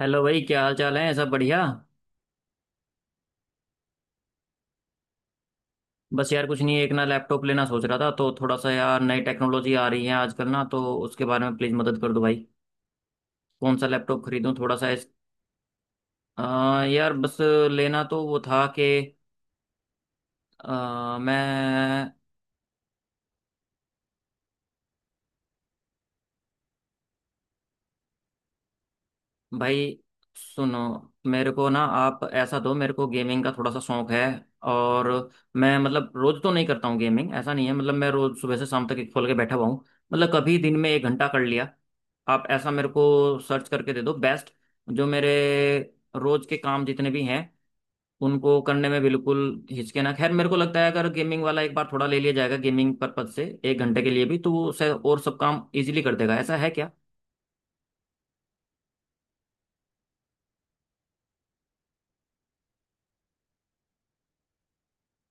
Hello भाई, क्या हाल चाल है? सब बढ़िया। बस यार कुछ नहीं, एक ना लैपटॉप लेना सोच रहा था तो थोड़ा सा यार नई टेक्नोलॉजी आ रही है आजकल ना, तो उसके बारे में प्लीज़ मदद कर दो भाई। कौन सा लैपटॉप खरीदूं, थोड़ा सा यार बस। लेना तो वो था कि मैं। भाई सुनो, मेरे को ना आप ऐसा दो, मेरे को गेमिंग का थोड़ा सा शौक है। और मैं मतलब रोज तो नहीं करता हूँ गेमिंग, ऐसा नहीं है मतलब मैं रोज सुबह से शाम तक एक खोल के बैठा हुआ हूँ। मतलब कभी दिन में एक घंटा कर लिया। आप ऐसा मेरे को सर्च करके दे दो बेस्ट, जो मेरे रोज के काम जितने भी हैं उनको करने में बिल्कुल हिचके ना। खैर मेरे को लगता है अगर गेमिंग वाला एक बार थोड़ा ले लिया जाएगा गेमिंग पर्पज से एक घंटे के लिए भी, तो वो शायद और सब काम इजीली कर देगा। ऐसा है क्या?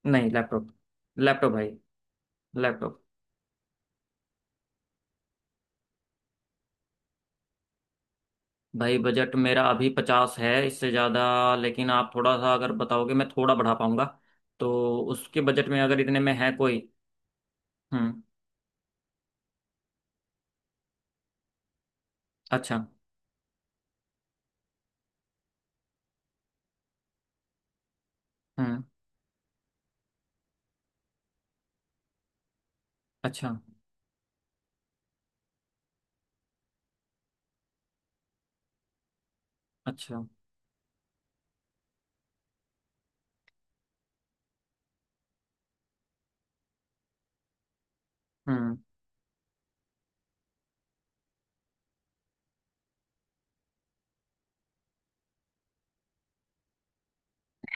नहीं, लैपटॉप लैपटॉप भाई, लैपटॉप। भाई बजट मेरा अभी 50 है, इससे ज़्यादा लेकिन आप थोड़ा सा अगर बताओगे मैं थोड़ा बढ़ा पाऊंगा। तो उसके बजट में अगर इतने में है कोई। हम्म। अच्छा। हम्म। अच्छा। अच्छा। हम्म।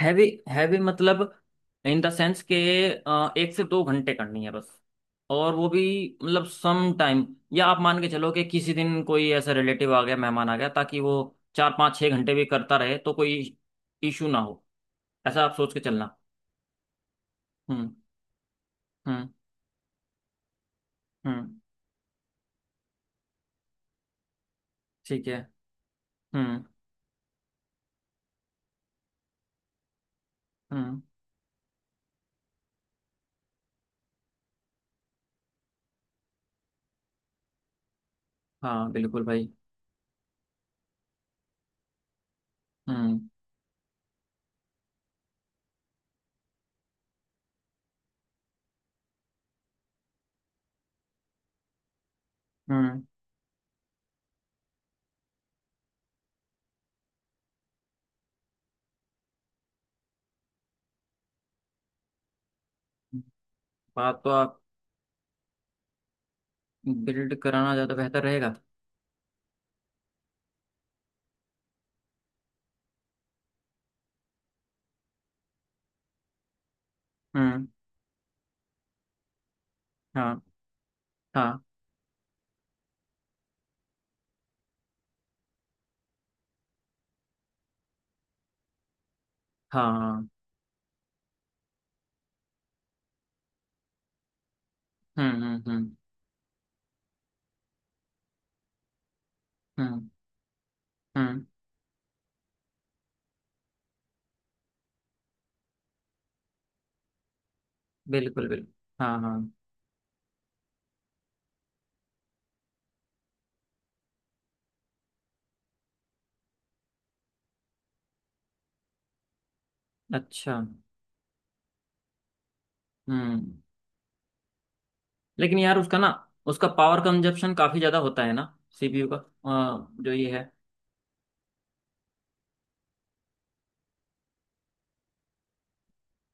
हैवी? हैवी मतलब इन द सेंस के एक से दो घंटे करनी है बस। और वो भी मतलब सम टाइम। या आप मान के चलो कि किसी दिन कोई ऐसा रिलेटिव आ गया, मेहमान आ गया, ताकि वो चार पाँच छः घंटे भी करता रहे तो कोई इशू ना हो, ऐसा आप सोच के चलना। हम्म। हम्म। हम्म। ठीक है। हम्म। हम्म। हाँ बिल्कुल भाई। हम्म। हम्म। बात तो आप। बिल्ड कराना ज़्यादा बेहतर रहेगा। हम्म। हाँ। हाँ। हाँ। हाँ। हम्म। हम्म। हम्म। हम्म। हम्म। बिल्कुल बिल्कुल। हाँ हाँ। अच्छा। हम्म। लेकिन यार उसका ना, उसका पावर कंजप्शन काफ़ी ज़्यादा होता है ना, CPU का। जो ये है।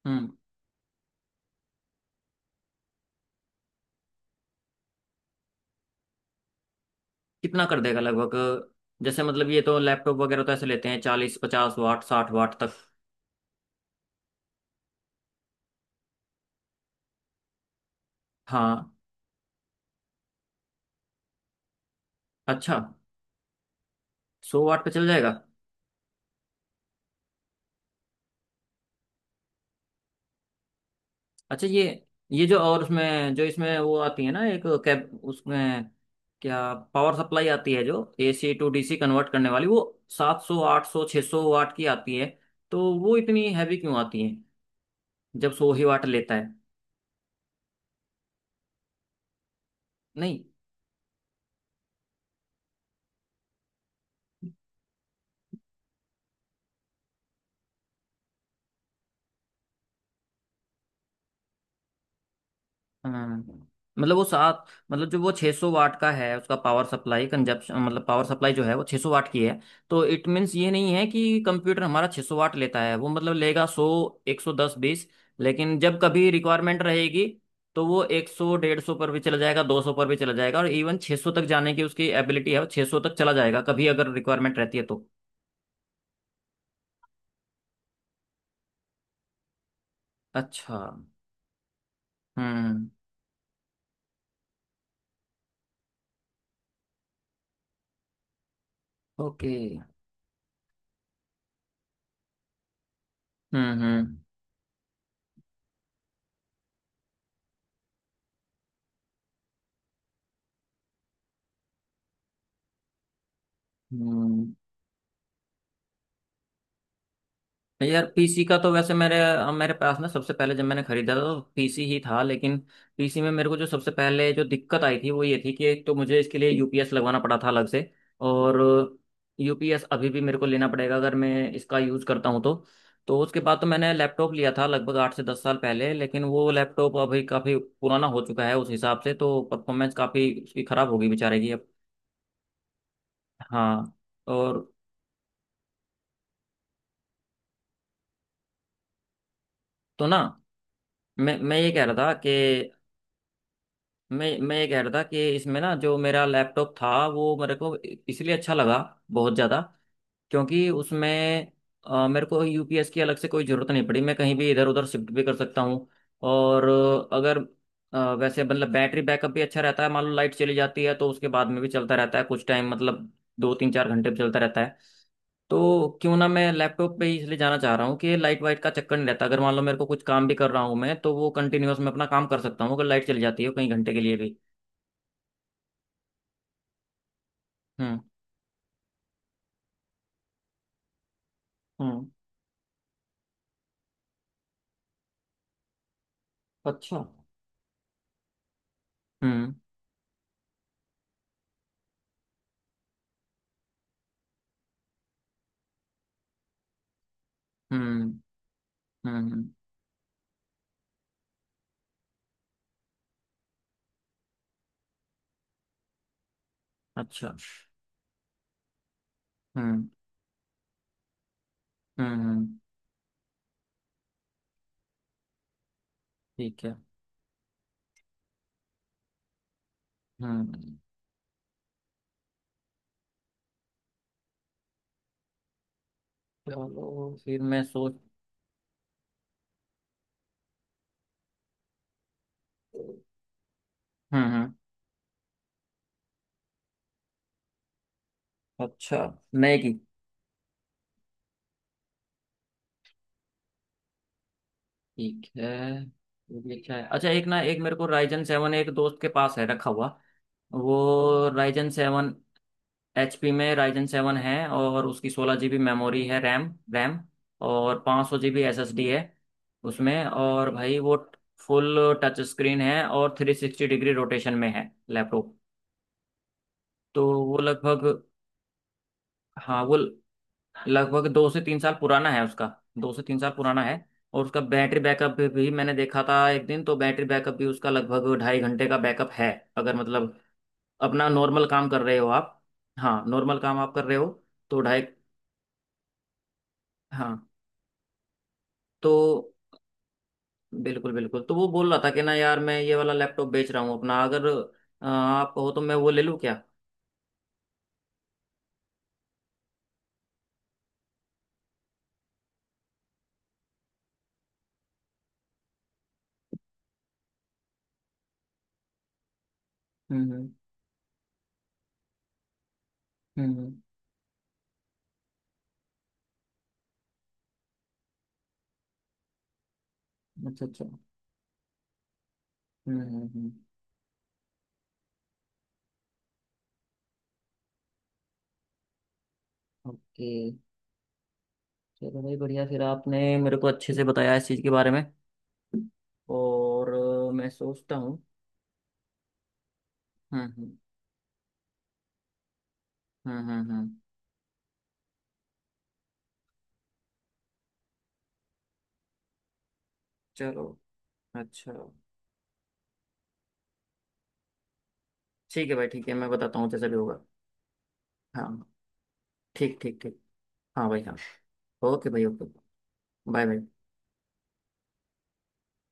हम्म। कितना कर देगा लगभग? जैसे मतलब ये तो लैपटॉप वगैरह तो ऐसे लेते हैं 40 50 वाट, 60 वाट तक। हाँ। अच्छा। 100 वाट पे चल जाएगा। अच्छा। ये। ये जो और उसमें जो इसमें वो आती है ना एक कैब, उसमें क्या पावर सप्लाई आती है जो AC टू DC कन्वर्ट करने वाली वो? 700 800 600 वाट की आती है, तो वो इतनी हैवी क्यों आती है जब 100 ही वाट लेता है? नहीं। हम्म। मतलब वो सात। मतलब जो वो 600 सौ वाट का है, उसका पावर सप्लाई कंजप्शन मतलब पावर सप्लाई जो है वो 600 वाट की है। तो इट मीन्स ये नहीं है कि कंप्यूटर हमारा 600 वाट लेता है। वो मतलब लेगा 100, 110, 20, लेकिन जब कभी रिक्वायरमेंट रहेगी तो वो 100, 150 पर भी चला जाएगा, 200 पर भी चला जाएगा, और इवन 600 तक जाने की उसकी एबिलिटी है, वो 600 तक चला जाएगा कभी अगर रिक्वायरमेंट रहती है तो। अच्छा। हम्म। ओके। हम्म। हम्म। हम्म। यार पीसी का तो वैसे मेरे मेरे पास ना सबसे पहले जब मैंने खरीदा था तो पीसी ही था, लेकिन पीसी में मेरे को जो सबसे पहले जो दिक्कत आई थी वो ये थी कि एक तो मुझे इसके लिए UPS लगवाना पड़ा था अलग से। और UPS अभी भी मेरे को लेना पड़ेगा अगर मैं इसका यूज़ करता हूँ तो। तो उसके बाद तो मैंने लैपटॉप लिया था लगभग 8 से 10 साल पहले, लेकिन वो लैपटॉप अभी काफ़ी पुराना हो चुका है, उस हिसाब से तो परफॉर्मेंस काफ़ी उसकी ख़राब होगी बेचारे की अब। हाँ। और तो ना मैं ये कह रहा था कि। मैं ये कह रहा था कि इसमें ना जो मेरा लैपटॉप था वो मेरे को इसलिए अच्छा लगा बहुत ज़्यादा, क्योंकि उसमें मेरे को UPS की अलग से कोई ज़रूरत नहीं पड़ी। मैं कहीं भी इधर उधर शिफ्ट भी कर सकता हूँ। और अगर वैसे मतलब बैटरी बैकअप भी अच्छा रहता है। मान लो लाइट चली जाती है तो उसके बाद में भी चलता रहता है कुछ टाइम, मतलब दो तीन चार घंटे भी चलता रहता है। तो क्यों ना मैं लैपटॉप पे ही इसलिए जाना चाह रहा हूँ कि लाइट वाइट का चक्कर नहीं रहता। अगर मान लो मेरे को कुछ काम भी कर रहा हूँ मैं, तो वो कंटिन्यूअस मैं अपना काम कर सकता हूँ अगर लाइट चली जाती है कई घंटे के लिए भी। हम्म। हम्म। अच्छा। हम्म। हम्म। हम्म। अच्छा। हम्म। हम्म। ठीक है। हम्म। चलो फिर मैं सोच। हम्म। हम्म। अच्छा। मैगी। ठीक है। ये भी अच्छा है। अच्छा एक ना, एक मेरे को राइजन सेवन एक दोस्त के पास है रखा हुआ। वो राइजन सेवन, HP में राइजन सेवन है, और उसकी 16 GB मेमोरी है, रैम रैम। और 500 GB SSD है उसमें। और भाई वो फुल टच स्क्रीन है और 360 डिग्री रोटेशन में है लैपटॉप। तो वो लगभग। हाँ वो लगभग दो से तीन साल पुराना है उसका। दो से तीन साल पुराना है। और उसका बैटरी बैकअप भी मैंने देखा था एक दिन, तो बैटरी बैकअप भी उसका लगभग 2.5 घंटे का बैकअप है। अगर मतलब अपना नॉर्मल काम कर रहे हो आप। हाँ नॉर्मल काम आप कर रहे हो। तो ढाई। हाँ। तो बिल्कुल बिल्कुल। तो वो बोल रहा था कि ना यार मैं ये वाला लैपटॉप बेच रहा हूँ अपना, अगर आप कहो तो मैं वो ले लूँ क्या? हम्म। हम्म। हम्म। अच्छा। अच्छा। हम्म। हम्म। हम्म। ओके। चलो भाई बढ़िया, फिर आपने मेरे को अच्छे से बताया इस चीज़ के बारे में। और मैं सोचता हूँ। हम्म। हम्म। हम्म। हम्म। हम्म। चलो। अच्छा। ठीक है भाई, ठीक है, मैं बताता हूँ जैसे भी होगा। हाँ। ठीक ठीक ठीक। हाँ भाई हाँ। ओके भाई ओके। Bye bye.